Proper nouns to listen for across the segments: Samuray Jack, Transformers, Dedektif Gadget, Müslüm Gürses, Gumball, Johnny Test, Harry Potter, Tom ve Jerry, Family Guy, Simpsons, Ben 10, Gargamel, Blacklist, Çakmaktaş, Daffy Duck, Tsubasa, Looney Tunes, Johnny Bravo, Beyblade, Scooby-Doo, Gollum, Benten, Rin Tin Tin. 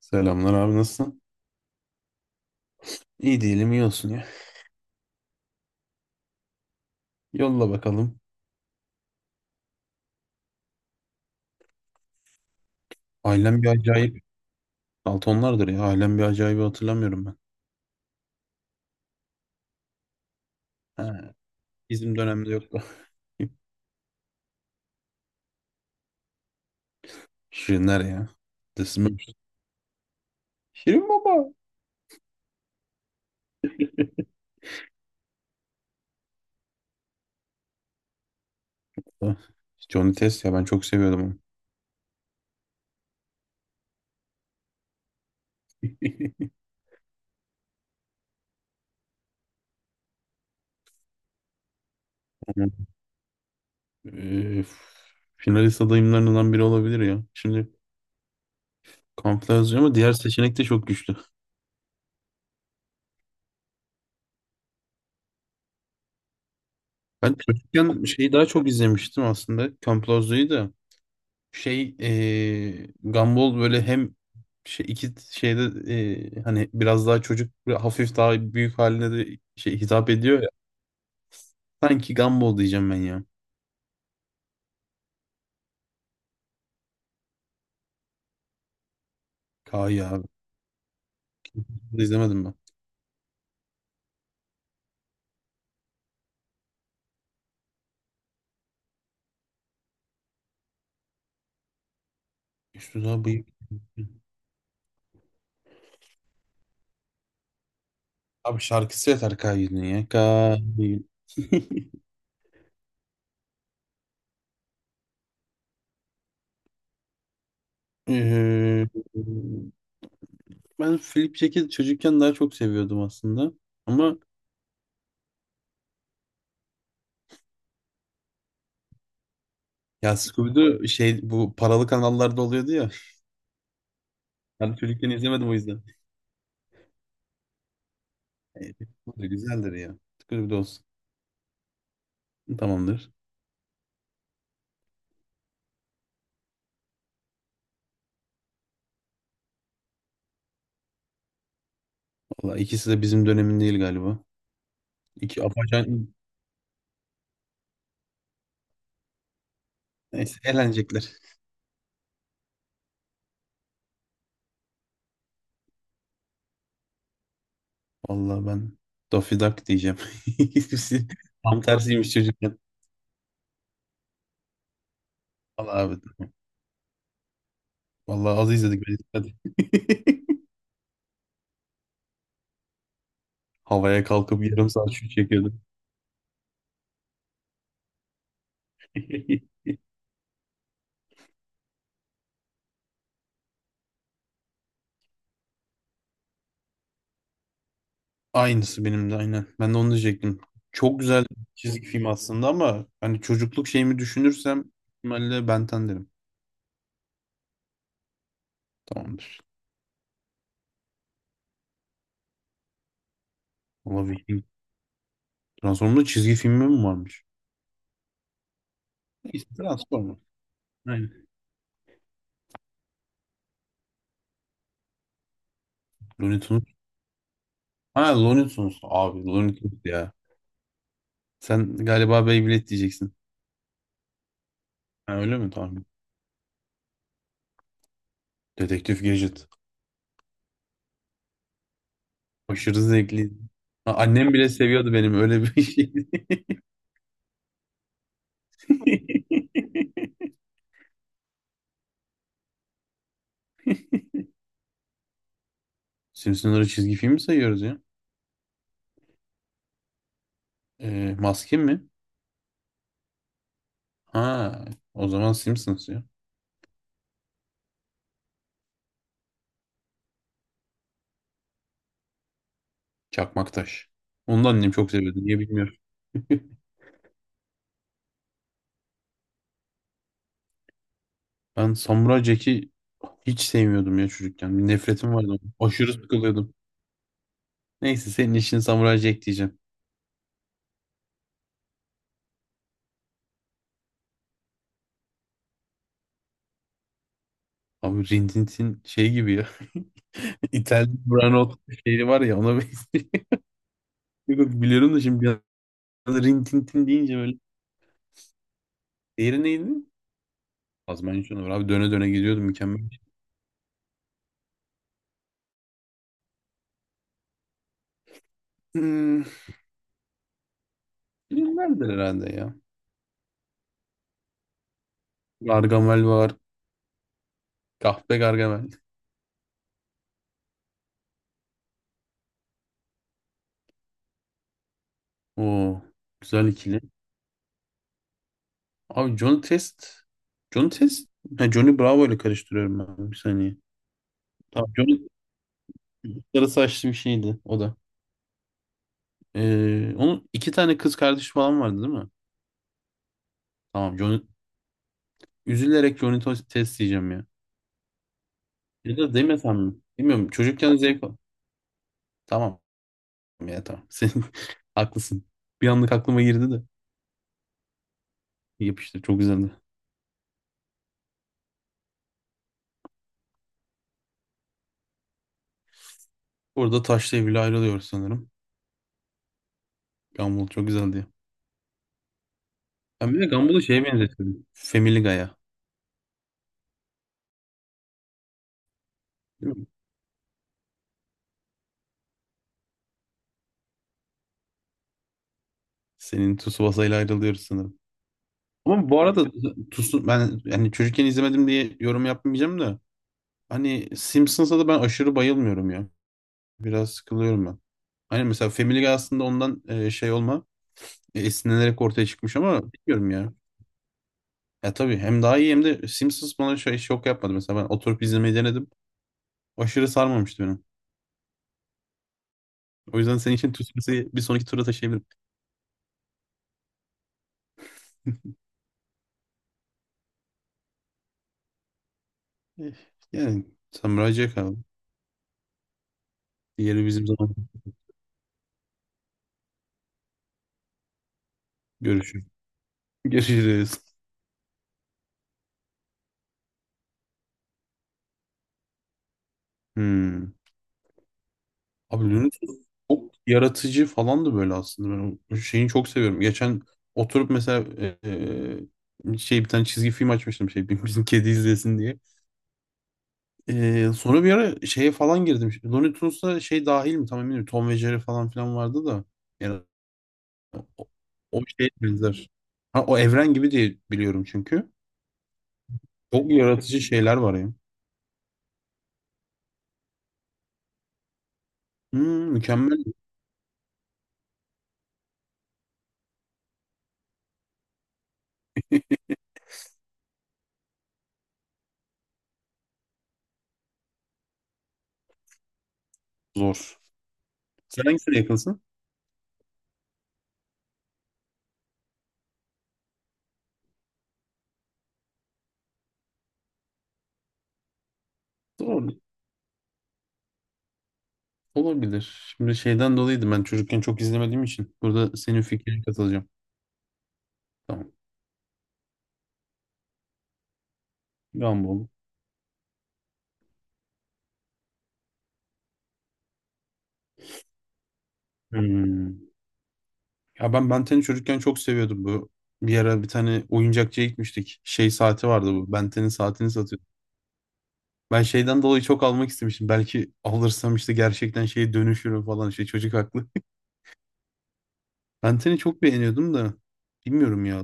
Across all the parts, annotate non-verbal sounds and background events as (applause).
Selamlar abi nasılsın? İyi değilim iyi olsun ya. Yolla bakalım. Ailem bir acayip. Daltonlardır ya. Ailem bir acayibi hatırlamıyorum ben. He, bizim dönemde yoktu. (laughs) Şirinler ya. Dizimi. Şirin baba. (laughs) Johnny Test ya ben çok seviyordum onu. (laughs) Onun, eee, finalist adayımlarından biri olabilir ya. Şimdi Campbell yazıyor ama diğer seçenek de çok güçlü. Ben çocukken şeyi daha çok izlemiştim aslında. Campbell da. Şey Gumball böyle hem şey, iki şeyde, hani biraz daha çocuk ve hafif daha büyük haline de şey hitap ediyor ya. Sanki Gumball diyeceğim ben ya. Kayı abi. Bunu da izlemedim ben. Üstü daha bıyık. Abi şarkısı yeter Kayı'nın ya. Kayı. (laughs) Eee, ben Flip Jack'i çocukken daha çok seviyordum aslında. Ama ya Scooby-Doo şey bu paralı kanallarda oluyordu ya. Ben çocukken izlemedim o yüzden. E, bu da güzeldir ya. Scooby-Doo olsun. Tamamdır. Valla ikisi de bizim dönemin değil galiba. İki apaçan neyse eğlenecekler. Valla ben Daffy Duck diyeceğim. (laughs) İkisi tam tersiymiş çocukken. Valla abi. Valla az izledik biz. Hadi. (laughs) Havaya kalkıp yarım saat şut çekiyordum. (laughs) Aynısı benim de aynen. Ben de onu diyecektim. Çok güzel çizgi film aslında ama hani çocukluk şeyimi düşünürsem ihtimalle Ben 10 derim. Tamamdır. Valla Viking. Transformers çizgi filmi mi varmış? Neyse Transformers. Aynen. Looney Tunes Ha Looney Tunes. Abi Looney Tunes ya. Sen galiba Beyblade diyeceksin. Ha, öyle mi? Tamam. Dedektif Gadget. Aşırı zevkli. Ha, annem bile seviyordu benim öyle bir şeydi. (laughs) Simpsons'ları çizgi film mi sayıyoruz ya? Maskin mi? Ha, o zaman Simpsons ya. Çakmaktaş. Onu da annem çok seviyordu. Niye bilmiyorum. (laughs) Ben Samuray Jack'i hiç sevmiyordum ya çocukken. Bir nefretim vardı. Aşırı sıkılıyordum. Neyse senin işin Samuray Jack diyeceğim. Abi Rin Tin Tin şey gibi ya. İtalyan Brandt şehri var ya ona benziyor. (laughs) Yok, biliyorum da şimdi bir anda Rin Tin Tin deyince böyle. Diğeri neydi? Azerbaycan var. Abi döne döne gidiyordum mükemmel. Hmm, filmlerdir herhalde ya. Gargamel var. Kahpe Gargamel. Oo, güzel ikili. Abi Johnny Test. Johnny Test. Ha, Johnny Bravo ile karıştırıyorum ben. Bir saniye. Tamam, Johnny sarı saçlı bir şeydi o da. Onun iki tane kız kardeşi falan vardı değil mi? Tamam Johnny. Üzülerek Johnny Test diyeceğim ya. Ya da demesem mi? Bilmiyorum. Çocukken zevk al- Tamam ya tamam. (laughs) Sen haklısın. Bir anlık aklıma girdi de. Yapıştı. Çok güzeldi. Burada taşla evli ayrılıyoruz sanırım. Gumball çok güzeldi. Ben bir de Gumball'ı şeye benzetiyordum. Family Guy'a. Değil mi? Senin Tsubasa ile ayrılıyoruz sanırım. Ama bu arada Tsubasa ben yani çocukken izlemedim diye yorum yapmayacağım da hani Simpsons'a da ben aşırı bayılmıyorum ya. Biraz sıkılıyorum ben. Hani mesela Family Guy aslında ondan şey olma, esinlenerek ortaya çıkmış ama bilmiyorum ya. Ya tabii hem daha iyi hem de Simpsons bana şöyle şok yapmadı. Mesela ben oturup izlemeyi denedim. Aşırı sarmamıştı beni. O yüzden senin için Tüsmüs'ü bir sonraki tura taşıyabilirim. Eh, yani sen müracaat abi. Diğeri bizim zaman görüşürüz. (laughs) Görüşürüz. Hmm. Abi Looney Tunes çok yaratıcı falan da böyle aslında. Ben o şeyini çok seviyorum. Geçen oturup mesela e, şey bir tane çizgi film açmıştım şey (laughs) bizim kedi izlesin diye. Sonra bir ara şeye falan girdim. Looney Tunes'a şey dahil mi? Tam emin değilim. Tom ve Jerry falan filan vardı da. Yani o, o şey benzer. Ha, o evren gibi diye biliyorum çünkü. Çok yaratıcı şeyler var ya. Hmm, mükemmel zor. Sen hangisine yakınsın? Zor olabilir. Şimdi şeyden dolayıydı ben çocukken çok izlemediğim için. Burada senin fikrine katılacağım. Tamam. Gumball. Hmm. Ya ben Benten'i çocukken çok seviyordum bu. Bir ara bir tane oyuncakçıya gitmiştik. Şey saati vardı bu. Benten'in saatini satıyordu. Ben şeyden dolayı çok almak istemiştim. Belki alırsam işte gerçekten şeye dönüşürüm falan. Şey çocuk haklı. (laughs) Ben seni çok beğeniyordum da bilmiyorum ya.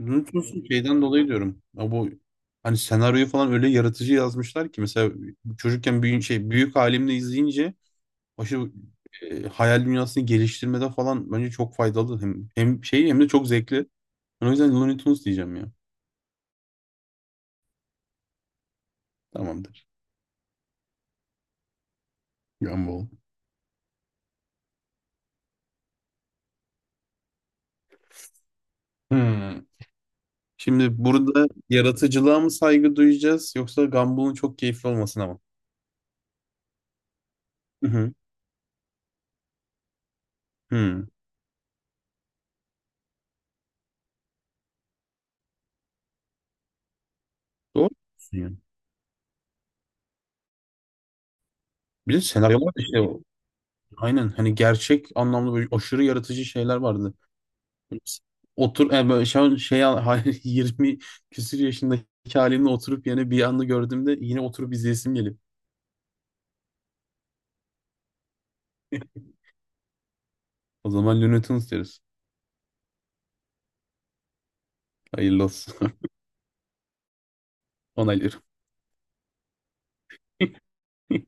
Bluetooth'un şeyden dolayı diyorum. Ya bu hani senaryoyu falan öyle yaratıcı yazmışlar ki mesela çocukken büyük şey büyük halimle izleyince aşırı hayal dünyasını geliştirmede falan bence çok faydalı. Hem şey hem de çok zevkli. Ben o yüzden Looney Tunes diyeceğim ya. Tamamdır. Gumball. Hmm. Şimdi burada yaratıcılığa mı saygı duyacağız yoksa Gumball'ın çok keyifli olmasına mı? Hı hı. Hı. Doğru diyorsun yani. Bir de senaryolar da işte o- aynen hani gerçek anlamda böyle aşırı yaratıcı şeyler vardı. Otur böyle şu an şey al- (laughs) 20 küsür yaşındaki halimle oturup yine bir anda gördüğümde yine oturup izleyesim gelip. O zaman Looney Tunes deriz. Hayırlı olsun. (laughs) Onaylıyorum. (laughs)